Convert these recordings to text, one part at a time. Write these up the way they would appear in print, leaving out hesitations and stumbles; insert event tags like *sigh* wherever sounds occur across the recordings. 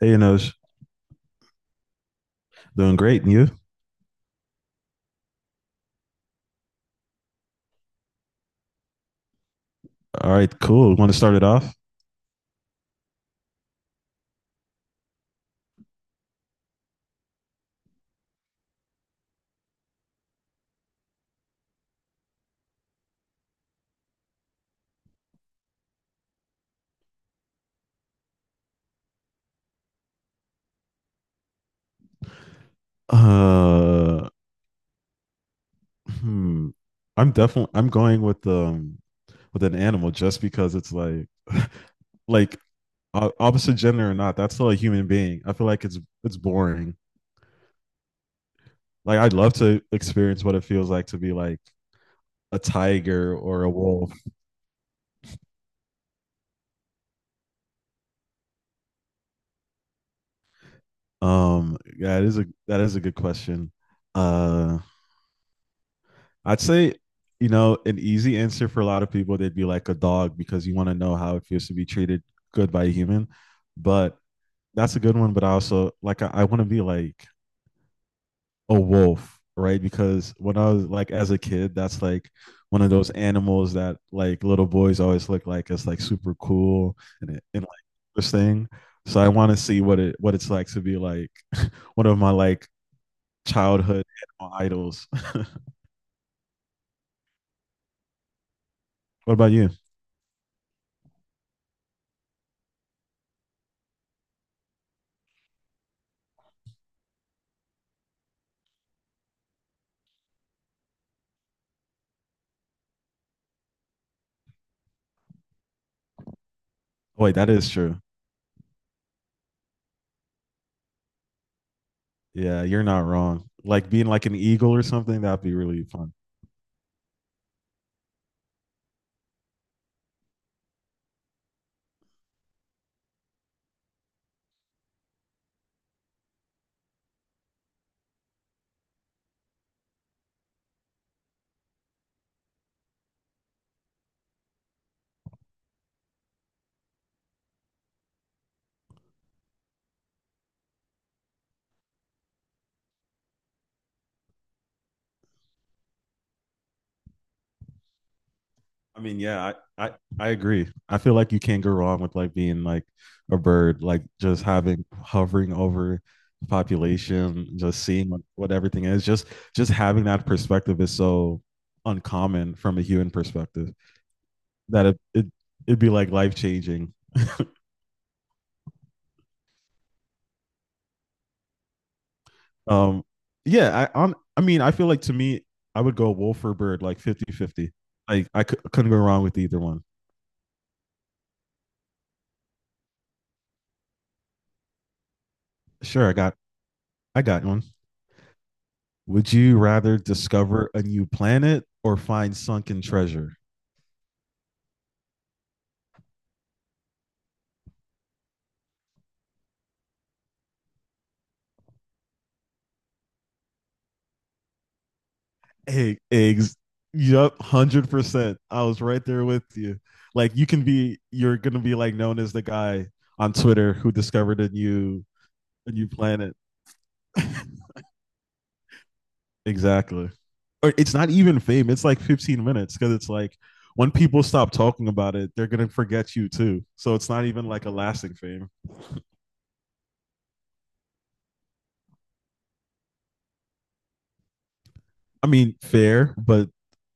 Hey, Anosh. Doing great. And you? All right, cool. Want to start it off? Uh, hmm. I'm definitely I'm going with an animal just because it's like *laughs* like opposite gender or not, that's still a human being. I feel like it's boring. Like I'd love to experience what it feels like to be like a tiger or a wolf. Yeah, it is a that is a good question. Uh, I'd say, you know, an easy answer for a lot of people, they'd be like a dog because you want to know how it feels to be treated good by a human. But that's a good one. But I also like, I want to be like a wolf, right? Because when I was like, as a kid, that's like one of those animals that like little boys always look like it's like super cool and like this thing. So I want to see what it's like to be like *laughs* one of my like childhood animal idols. *laughs* What about you? Oh, wait, that is true. Yeah, you're not wrong. Like being like an eagle or something, that'd be really fun. I mean, yeah, I, I, I agree. I feel like you can't go wrong with like being like a bird, like just having hovering over the population, just seeing what everything is. Just having that perspective is so uncommon from a human perspective that it'd be like life changing. Um yeah, I mean, I feel like to me I would go wolf or bird like 50-50. Like I couldn't go wrong with either one. Sure, I got one. Would you rather discover a new planet or find sunken treasure? Hey eggs. Yup, 100%. I was right there with you. Like you can be, you're gonna be like known as the guy on Twitter who discovered a new planet. Exactly. Or it's not even fame. It's like 15 minutes because it's like when people stop talking about it, they're gonna forget you too. So it's not even like a lasting fame. I mean, fair, but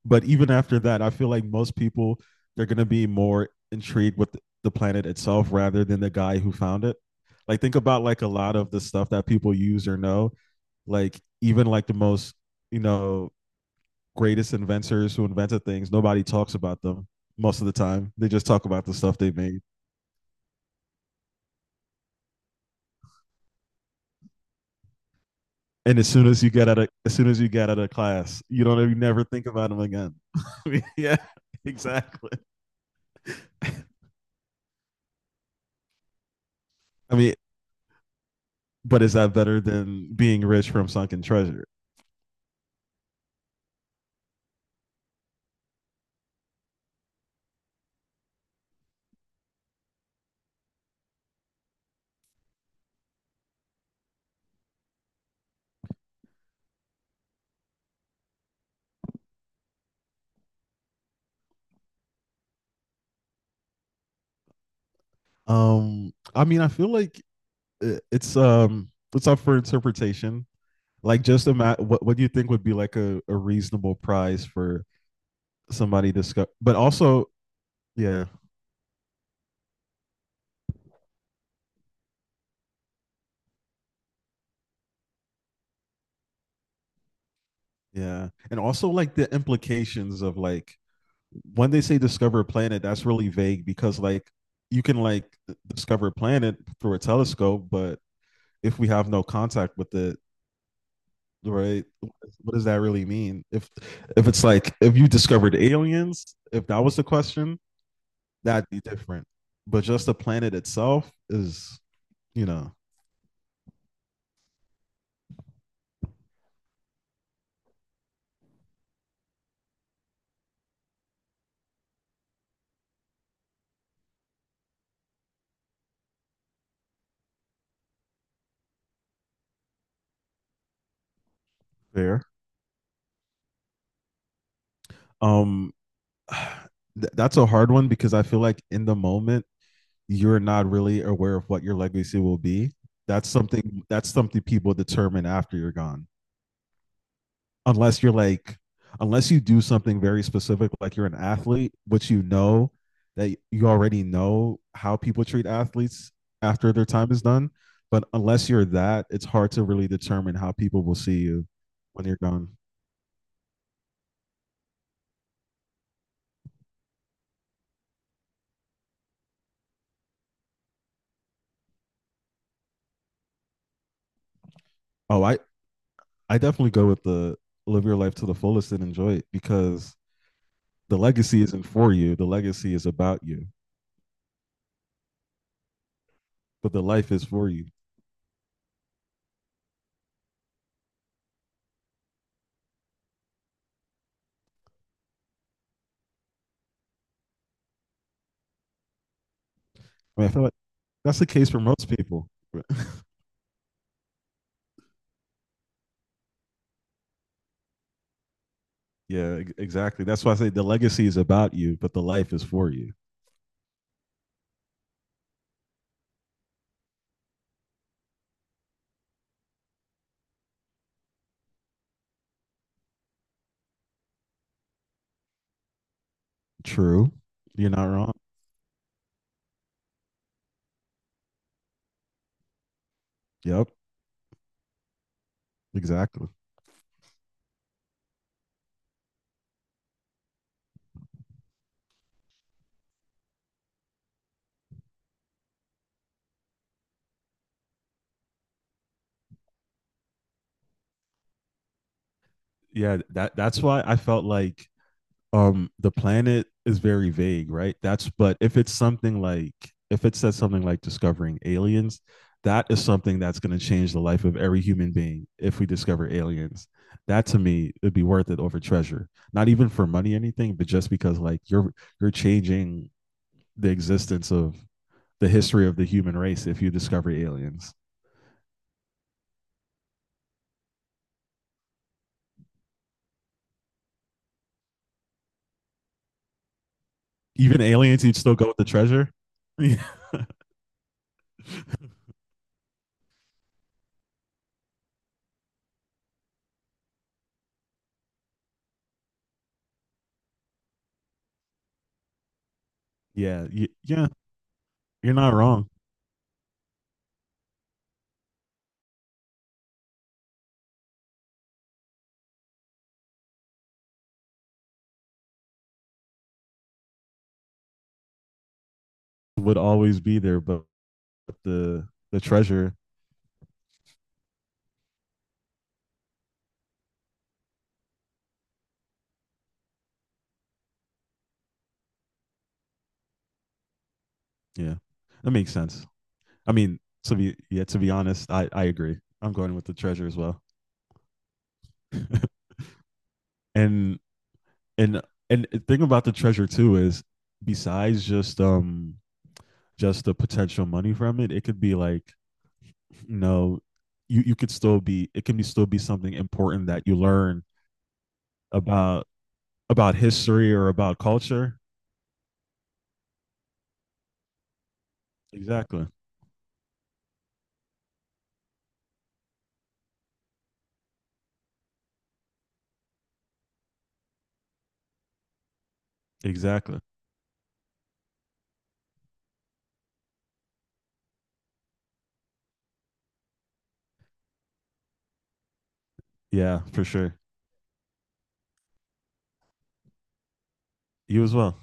even after that, I feel like most people they're gonna be more intrigued with the planet itself rather than the guy who found it. Like think about like a lot of the stuff that people use or know. Like even like the most you know greatest inventors who invented things, nobody talks about them most of the time. They just talk about the stuff they made. And as soon as you get out of class, you never think about them again. *laughs* I mean, yeah, *laughs* exactly. I mean, but is that better than being rich from sunken treasure? I mean, I feel like it's up for interpretation. Like, just imagine what do you think would be like a reasonable prize for somebody to discover? But also, yeah, yeah. And also like the implications of like when they say discover a planet, that's really vague because like you can like discover a planet through a telescope, but if we have no contact with it, right? What does that really mean? If it's like if you discovered aliens, if that was the question, that'd be different. But just the planet itself is, you know, fair. Um, *sighs* that's a hard one because I feel like in the moment you're not really aware of what your legacy will be. That's something people determine after you're gone. Unless you're like unless you do something very specific like you're an athlete, which you know that you already know how people treat athletes after their time is done, but unless you're that, it's hard to really determine how people will see you when you're gone. Oh, I definitely go with the live your life to the fullest and enjoy it, because the legacy isn't for you, the legacy is about you, but the life is for you. I mean, I feel like that's the case for most people. *laughs* Yeah, exactly. That's why I say the legacy is about you, but the life is for you. True. You're not wrong. Yep. Exactly. Yeah, that that's why I felt like the planet is very vague, right? That's but if it's something like if it says something like discovering aliens, that is something that's going to change the life of every human being if we discover aliens. That to me would be worth it over treasure. Not even for money anything, but just because like you're changing the existence of the history of the human race if you discover aliens. Even aliens, you'd still go with the treasure. *laughs* Yeah, yeah, you're not wrong. Would always be there, but the treasure, yeah, that makes sense. I mean, to be honest, I agree. I'm going with the treasure as well. *laughs* And and the thing about the treasure too is besides just the potential money from it, it could be like you know, you could still be it can be still be something important that you learn about history or about culture. Exactly. Exactly. Yeah, for sure. You as well.